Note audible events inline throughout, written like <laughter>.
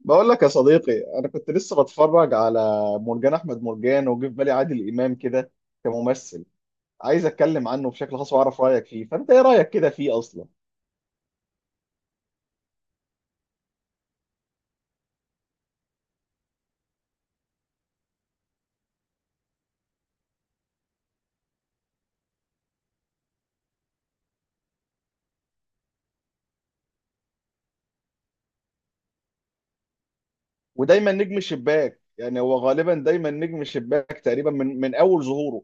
بقول لك يا صديقي، انا كنت لسه بتفرج على مرجان احمد مرجان. وجه في بالي عادل امام كده كممثل. عايز اتكلم عنه بشكل خاص واعرف رايك فيه. فانت ايه رايك كده فيه اصلا؟ ودايما نجم الشباك، يعني هو غالبا دايما نجم الشباك تقريبا من اول ظهوره.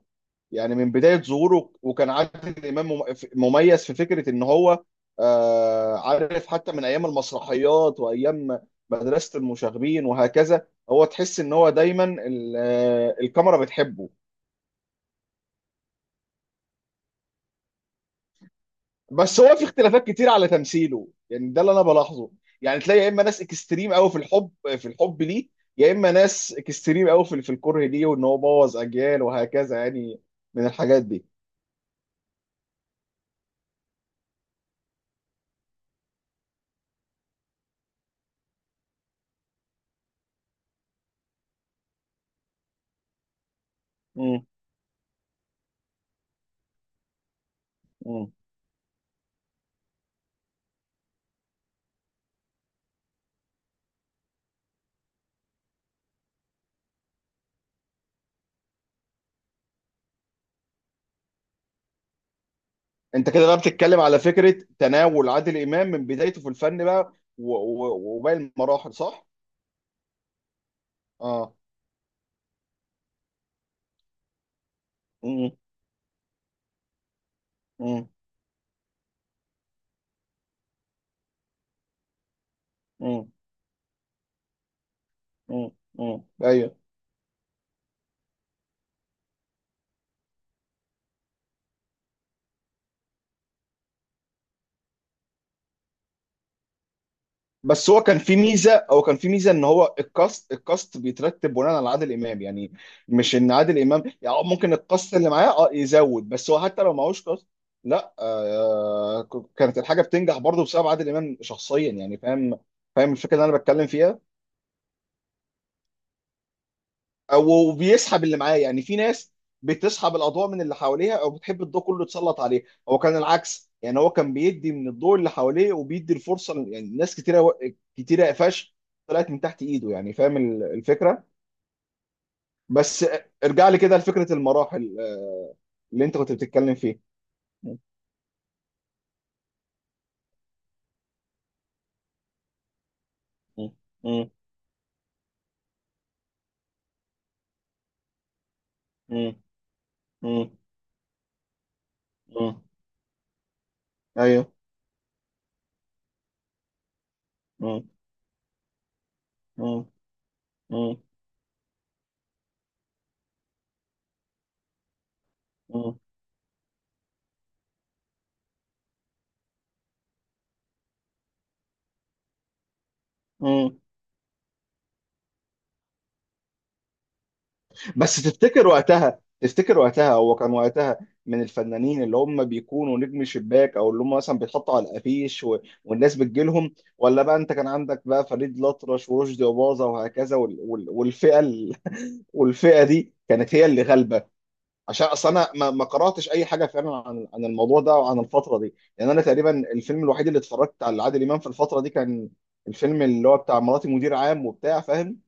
يعني من بدايه ظهوره، وكان عادل امام مميز في فكره ان هو عارف. حتى من ايام المسرحيات وايام مدرسه المشاغبين وهكذا، هو تحس ان هو دايما الكاميرا بتحبه. بس هو في اختلافات كتير على تمثيله، يعني ده اللي انا بلاحظه. يعني تلاقي يا اما ناس اكستريم قوي في الحب، في الحب ليه، يا اما ناس اكستريم قوي في الكره ليه، وان هو بوظ اجيال وهكذا يعني، من الحاجات دي. مم. مم. انت كده بقى بتتكلم على فكره تناول عادل امام من بدايته في الفن بقى وباقي المراحل، صح؟ اه. مم. مم. مم. مم. مم. ايوه. بس هو كان في ميزه ان هو الكاست بيترتب بناء على عادل امام، يعني مش ان عادل امام يعني، ممكن الكاست اللي معاه يزود. بس هو حتى لو معهوش كاست، لا، كانت الحاجه بتنجح برضه بسبب عادل امام شخصيا. يعني فاهم الفكره اللي انا بتكلم فيها. وبيسحب اللي معاه. يعني في ناس بتسحب الاضواء من اللي حواليها، او بتحب الضوء كله يتسلط عليه. هو كان العكس، يعني هو كان بيدي من الضوء اللي حواليه وبيدي الفرصه يعني ناس كتيره، كتيره قفاش طلعت من تحت ايده. يعني فاهم الفكره. بس ارجع لي كده لفكره المراحل، اللي انت كنت بتتكلم فيه. م- م- م- م- م- م- ايوه. م- م- م- م- بس تفتكر وقتها هو كان وقتها من الفنانين اللي هم بيكونوا نجم شباك، او اللي هم مثلا بيتحطوا على الافيش والناس بتجيلهم. ولا بقى انت كان عندك بقى فريد الأطرش ورشدي أباظة وهكذا، والفئه <laughs> والفئه دي كانت هي اللي غالبه. عشان اصل انا ما قراتش اي حاجه فعلا عن الموضوع ده وعن الفتره دي. لان انا تقريبا الفيلم الوحيد اللي اتفرجت على عادل امام في الفتره دي كان الفيلم اللي هو بتاع مراتي مدير عام، وبتاع، فاهم.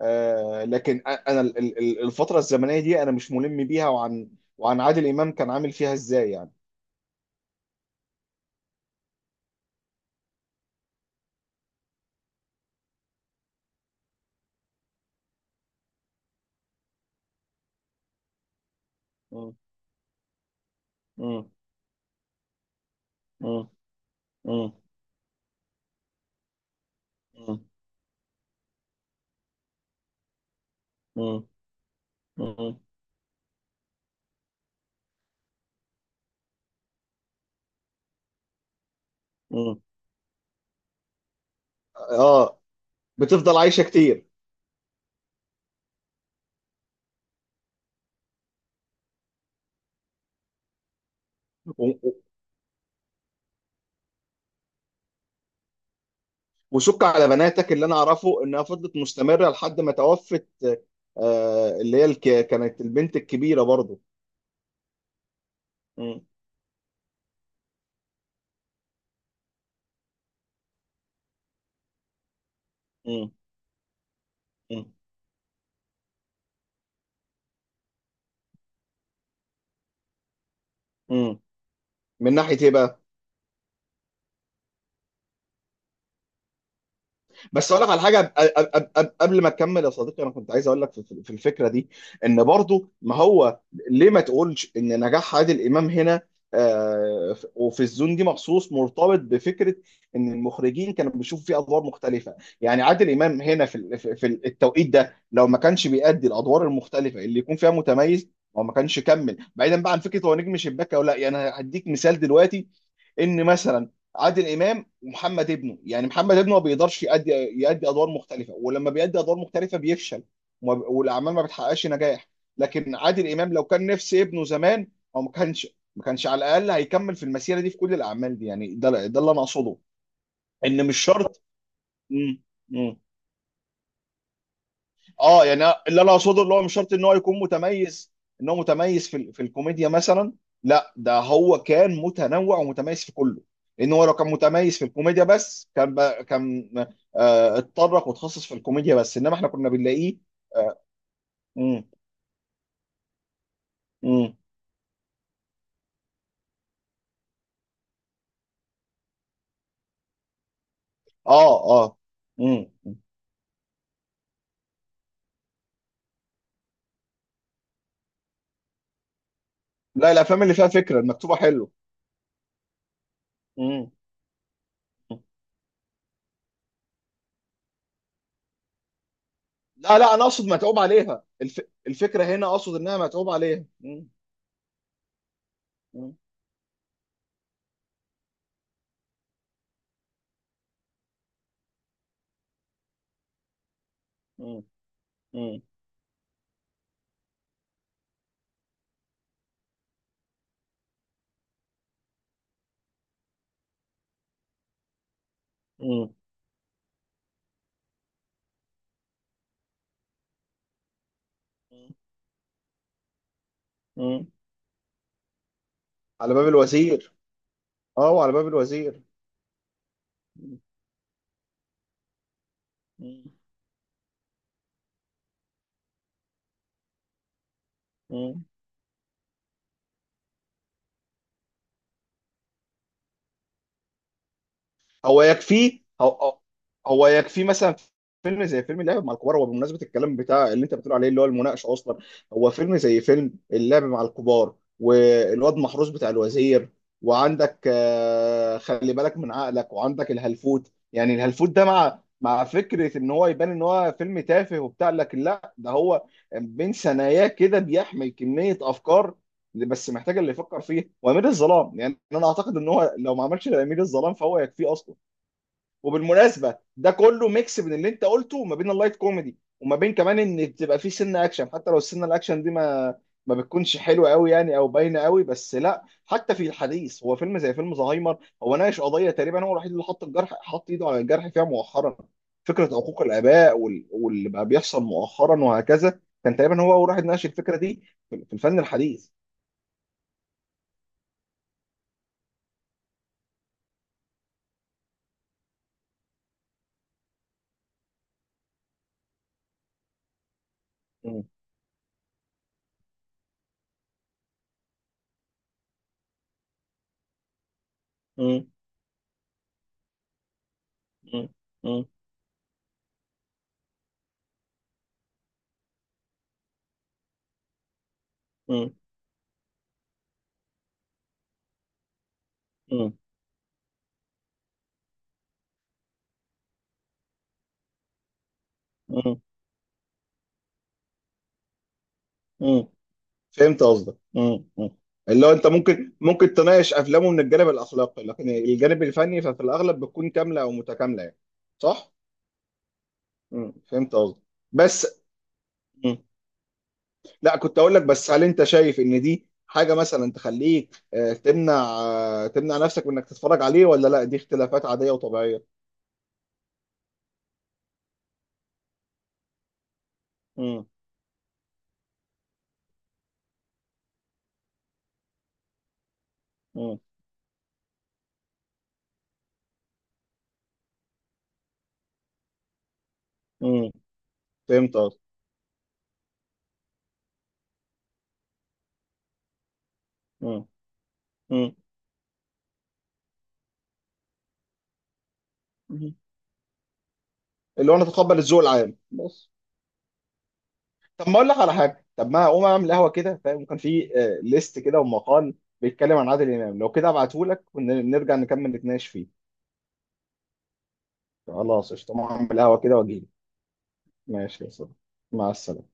لكن انا الفتره الزمنيه دي انا مش ملم بيها، وعن عادل امام كان عامل فيها ازاي يعني. مم. مم. مم. مم. مم. مم. مم. مم. اه، بتفضل عايشه كتير. و- و- وشك على بناتك، اللي انا اعرفه انها فضلت مستمره لحد ما توفت. اللي هي كانت البنت الكبيره برضو. مم. مم. مم. مم. من ناحيه ايه بقى؟ بس اقول لك على حاجه، قبل ما تكمل يا صديقي، انا كنت عايز اقول لك في الفكره دي. ان برضو ما هو، ليه ما تقولش ان نجاح عادل امام هنا وفي الزون دي مخصوص مرتبط بفكره ان المخرجين كانوا بيشوفوا فيه ادوار مختلفه. يعني عادل امام هنا في ال- في في التوقيت ده، لو ما كانش بيأدي الادوار المختلفه اللي يكون فيها متميز، هو ما كانش كمل بعيدا بقى عن فكره هو نجم شباك او لا. يعني أنا هديك مثال دلوقتي، ان مثلا عادل امام ومحمد ابنه. يعني محمد ابنه ما بيقدرش يأدي أدوار مختلفة، ولما بيأدي أدوار مختلفة بيفشل، والأعمال ما بتحققش نجاح. لكن عادل إمام لو كان نفس ابنه زمان، هو ما كانش على الأقل هيكمل في المسيرة دي في كل الأعمال دي. يعني ده اللي أنا أقصده، إن مش شرط. مم. مم. اه، يعني اللي انا اقصده، اللي هو مش شرط ان هو يكون متميز، ان هو متميز في الكوميديا مثلا. لا، ده هو كان متنوع ومتميز في كله. لان هو لو كان متميز في الكوميديا بس، كان بقى كان اتطرق وتخصص في الكوميديا بس، انما احنا كنا بنلاقيه. آه. مم. مم. اه. اه. مم. لا، الافلام اللي فيها فكره المكتوبه حلو. مم. لا، لا، انا اقصد متعوب عليها، الفكره هنا اقصد انها متعوب عليها. مم. مم. مم. مم. مم. مم. على باب الوزير. اه، وعلى باب الوزير. مم. مم. هو يكفيه هو هو يكفيه مثلا فيلم زي فيلم اللعب مع الكبار، هو بمناسبه الكلام بتاع اللي انت بتقول عليه اللي هو المناقشه اصلا. هو فيلم زي فيلم اللعب مع الكبار والواد محروس بتاع الوزير، وعندك خلي بالك من عقلك، وعندك الهلفوت. يعني الهلفوت ده، مع فكره ان هو يبان ان هو فيلم تافه وبتاع، لكن لا، ده هو بين ثناياه كده بيحمل كميه افكار، اللي بس محتاج اللي يفكر فيه، وامير الظلام. يعني انا اعتقد ان هو لو ما عملش امير الظلام فهو يكفيه اصلا. وبالمناسبه ده كله ميكس بين اللي انت قلته وما بين اللايت كوميدي، وما بين كمان ان تبقى فيه سنه اكشن، حتى لو السنه الاكشن دي ما بتكونش حلوه قوي يعني، او باينه قوي بس. لا، حتى في الحديث، هو فيلم زي فيلم زهايمر هو ناقش قضيه، تقريبا هو الوحيد اللي حط ايده على الجرح فيها مؤخرا. فكره حقوق الاباء، واللي بقى بيحصل مؤخرا وهكذا، كان تقريبا هو اول واحد ناقش الفكره دي في الفن الحديث. م- م- م- م- م- م- م- فهمت قصدك. مم. مم. اللي هو انت ممكن تناقش افلامه من الجانب الاخلاقي، لكن الجانب الفني ففي الاغلب بتكون كامله او متكامله يعني، صح؟ مم. فهمت قصدك. بس، مم. لا، كنت اقول لك بس، هل انت شايف ان دي حاجه مثلا تخليك تمنع نفسك من انك تتفرج عليه، ولا لا دي اختلافات عاديه وطبيعيه؟ مم. مم. مم. فهمت قصدك. مم. مم. مم. اللي هو انا اتقبل الذوق العام بس. طب ما اقول لك على حاجه، طب ما اقوم اعمل قهوه كده فاهم، وكان في ليست كده ومقال بيتكلم عن عادل امام، لو كده ابعته لك ونرجع نكمل نتناقش فيه. خلاص قشطه، أقوم اعمل قهوه كده واجيلك. ماشي يا صديقي، مع السلامه.